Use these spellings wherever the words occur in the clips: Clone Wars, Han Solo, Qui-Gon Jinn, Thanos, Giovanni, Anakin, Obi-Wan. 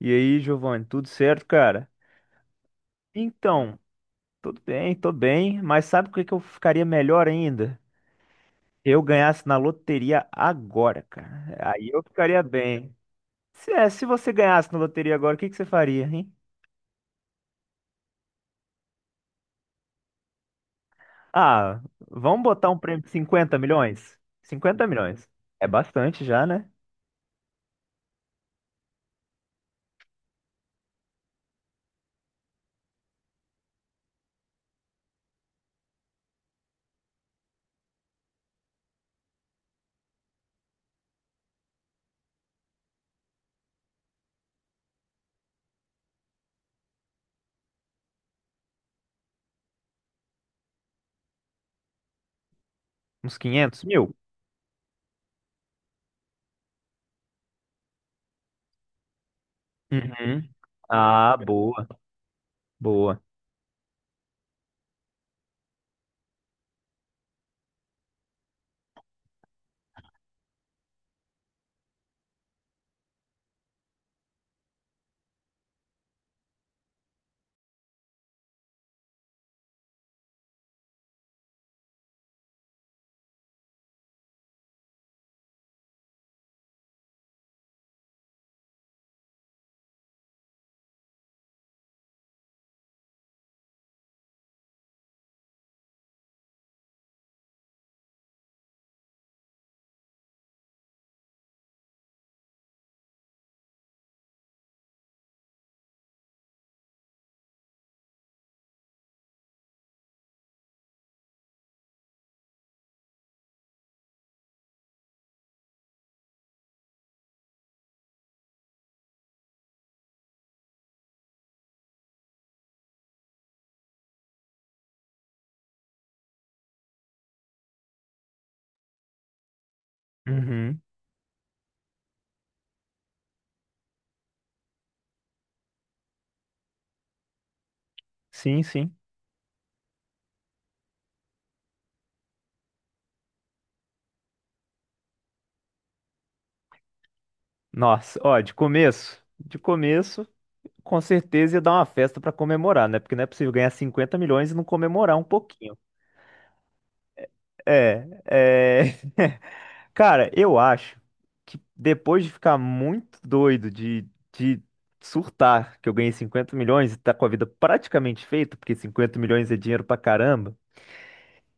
E aí, Giovanni, tudo certo, cara? Então, tudo bem, tô bem, mas sabe o que que eu ficaria melhor ainda? Eu ganhasse na loteria agora, cara. Aí eu ficaria bem. Se você ganhasse na loteria agora, o que que você faria, hein? Ah, vamos botar um prêmio de 50 milhões? 50 milhões. É bastante já, né? Uns 500 mil. Uhum. Ah, boa, boa. Uhum. Sim, sim. Nossa, ó, de começo, de começo. Com certeza ia dar uma festa pra comemorar, né? Porque não é possível ganhar 50 milhões e não comemorar um pouquinho. É, é... Cara, eu acho que depois de ficar muito doido de surtar que eu ganhei 50 milhões e tá com a vida praticamente feita, porque 50 milhões é dinheiro pra caramba,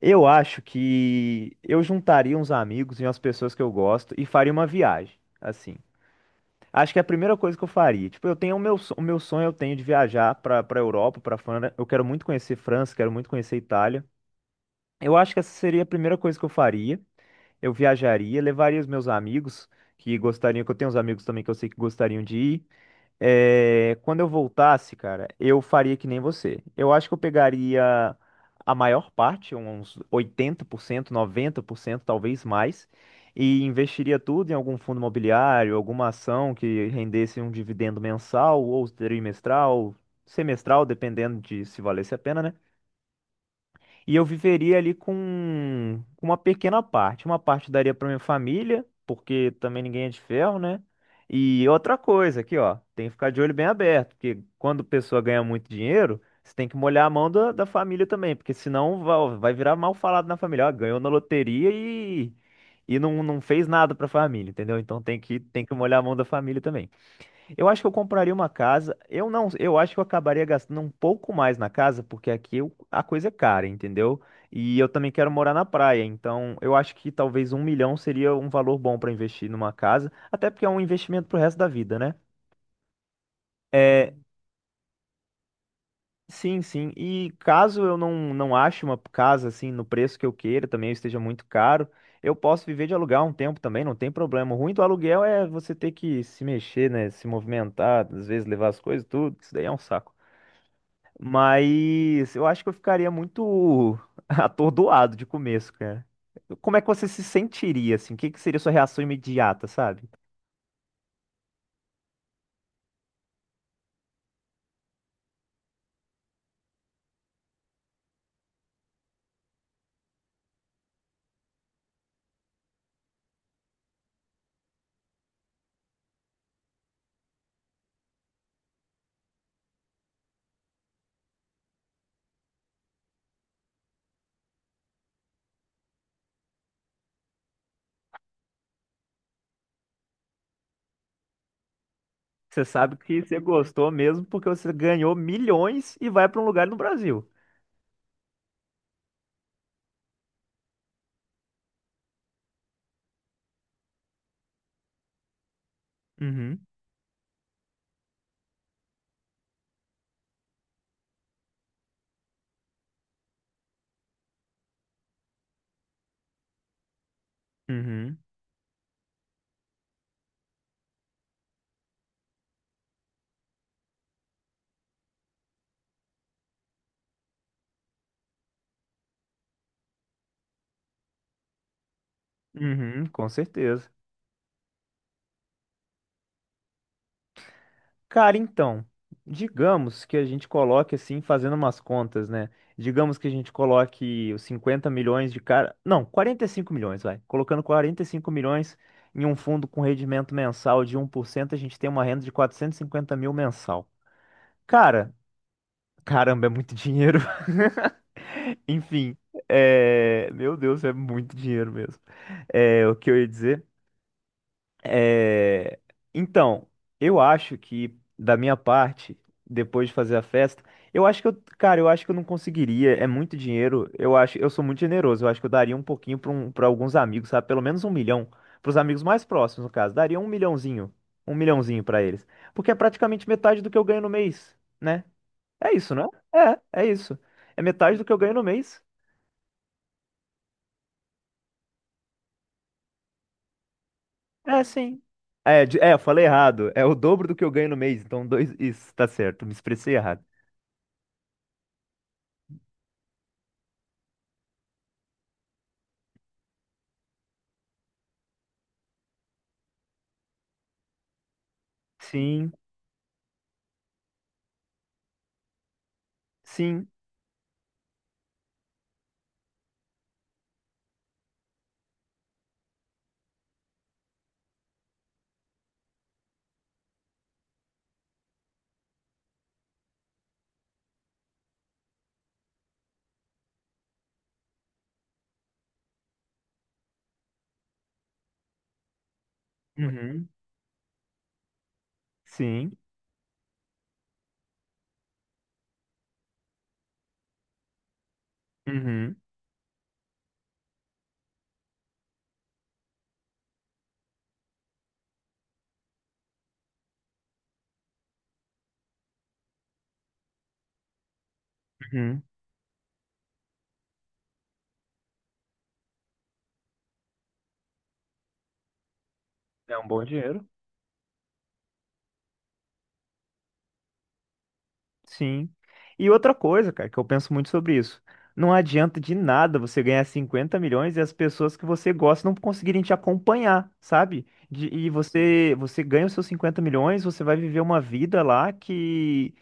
eu acho que eu juntaria uns amigos e umas pessoas que eu gosto e faria uma viagem. Assim, acho que é a primeira coisa que eu faria. Tipo, eu tenho o meu, o meu sonho eu tenho de viajar para Europa, para França. Eu quero muito conhecer França, quero muito conhecer Itália. Eu acho que essa seria a primeira coisa que eu faria. Eu viajaria, levaria os meus amigos que gostariam, que eu tenho uns amigos também que eu sei que gostariam de ir. É, quando eu voltasse, cara, eu faria que nem você. Eu acho que eu pegaria a maior parte, uns 80%, 90%, talvez mais, e investiria tudo em algum fundo imobiliário, alguma ação que rendesse um dividendo mensal ou trimestral, semestral, dependendo de se valesse a pena, né? E eu viveria ali com uma pequena parte. Uma parte daria para minha família, porque também ninguém é de ferro, né? E outra coisa aqui, ó, tem que ficar de olho bem aberto, porque quando a pessoa ganha muito dinheiro, você tem que molhar a mão da família também, porque senão vai virar mal falado na família. Ó, ganhou na loteria e não, não fez nada para a família, entendeu? Então tem que molhar a mão da família também. Eu acho que eu compraria uma casa. Eu não, eu acho que eu acabaria gastando um pouco mais na casa, porque aqui a coisa é cara, entendeu? E eu também quero morar na praia, então eu acho que talvez um milhão seria um valor bom para investir numa casa, até porque é um investimento pro resto da vida, né? É, sim, sim. E caso eu não não ache uma casa assim no preço que eu queira, também esteja muito caro, eu posso viver de aluguel um tempo também, não tem problema. O ruim do aluguel é você ter que se mexer, né, se movimentar, às vezes levar as coisas, tudo, isso daí é um saco. Mas eu acho que eu ficaria muito atordoado de começo, cara. Como é que você se sentiria, assim? O que que seria sua reação imediata, sabe? Você sabe que você gostou mesmo porque você ganhou milhões e vai pra um lugar no Brasil. Uhum, uhum, uhum, com certeza. Cara, então, digamos que a gente coloque assim, fazendo umas contas, né? Digamos que a gente coloque os 50 milhões de cara. Não, 45 milhões, vai. Colocando 45 milhões em um fundo com rendimento mensal de 1%, a gente tem uma renda de 450 mil mensal. Cara, caramba, é muito dinheiro. Enfim, é... meu Deus, é muito dinheiro mesmo. É, o que eu ia dizer. É, então, eu acho que, da minha parte, depois de fazer a festa, eu acho que eu, cara, eu acho que eu não conseguiria, é muito dinheiro, eu acho, eu sou muito generoso, eu acho que eu daria um pouquinho para um, para alguns amigos, sabe? Pelo menos um milhão, para os amigos mais próximos, no caso, daria um milhãozinho para eles, porque é praticamente metade do que eu ganho no mês, né? É isso, não é? É, é isso. É metade do que eu ganho no mês. É, sim. É, é, eu falei errado. É o dobro do que eu ganho no mês. Então, dois. Isso, tá certo. Me expressei errado. Sim, sim, uhum, sim, uhum, uhum. É um bom dinheiro. Sim. E outra coisa, cara, que eu penso muito sobre isso. Não adianta de nada você ganhar 50 milhões e as pessoas que você gosta não conseguirem te acompanhar, sabe? E você, você ganha os seus 50 milhões, você vai viver uma vida lá que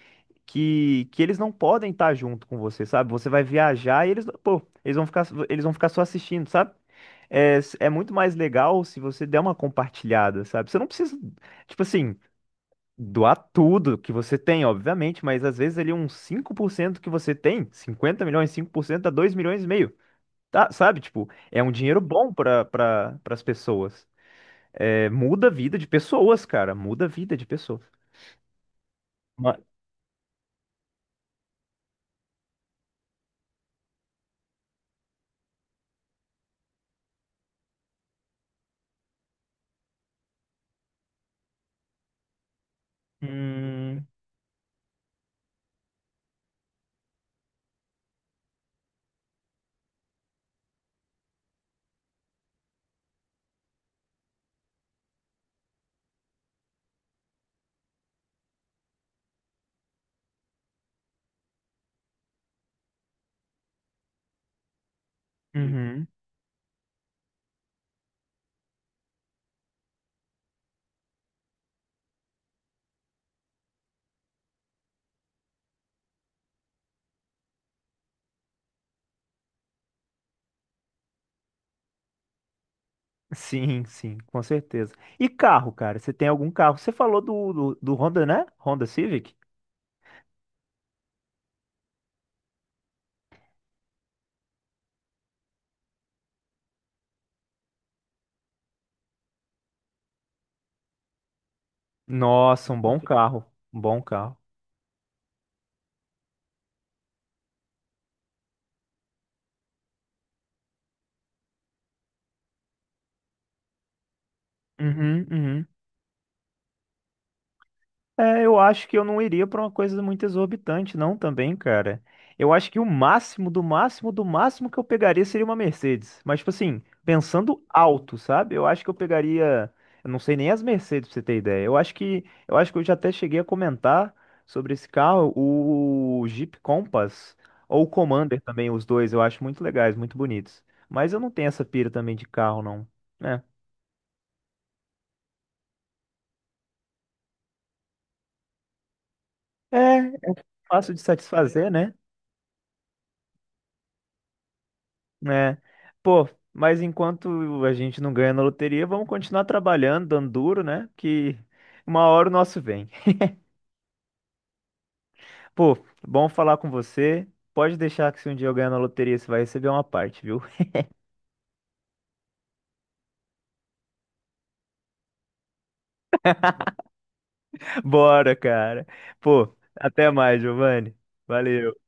que, que eles não podem estar junto com você, sabe? Você vai viajar e eles, pô, eles vão ficar só assistindo, sabe? É, é muito mais legal se você der uma compartilhada, sabe? Você não precisa, tipo assim, doar tudo que você tem, obviamente, mas às vezes ali uns 5% que você tem, 50 milhões, 5% dá 2,5 milhões, tá? Sabe? Tipo, é um dinheiro bom para as pessoas. É, muda a vida de pessoas, cara, muda a vida de pessoas. Ma- Hum, uhum. Sim, sim, com certeza. E carro, cara? Você tem algum carro? Você falou do Honda, né? Honda Civic? Nossa, um bom carro. Um bom carro. Uhum, uhum. É, eu acho que eu não iria pra uma coisa muito exorbitante, não, também, cara. Eu acho que o máximo, do máximo, do máximo que eu pegaria seria uma Mercedes. Mas, tipo assim, pensando alto, sabe? Eu acho que eu pegaria. Eu não sei nem as Mercedes, pra você ter ideia. Eu acho que. Eu acho que eu já até cheguei a comentar sobre esse carro, o Jeep Compass ou o Commander também, os dois, eu acho muito legais, muito bonitos. Mas eu não tenho essa pira também de carro, não. É. É fácil de satisfazer, né? É. Pô, mas enquanto a gente não ganha na loteria, vamos continuar trabalhando, dando duro, né? Que uma hora o nosso vem. Pô, bom falar com você. Pode deixar que se um dia eu ganhar na loteria, você vai receber uma parte, viu? Bora, cara. Pô, até mais, Giovanni. Valeu.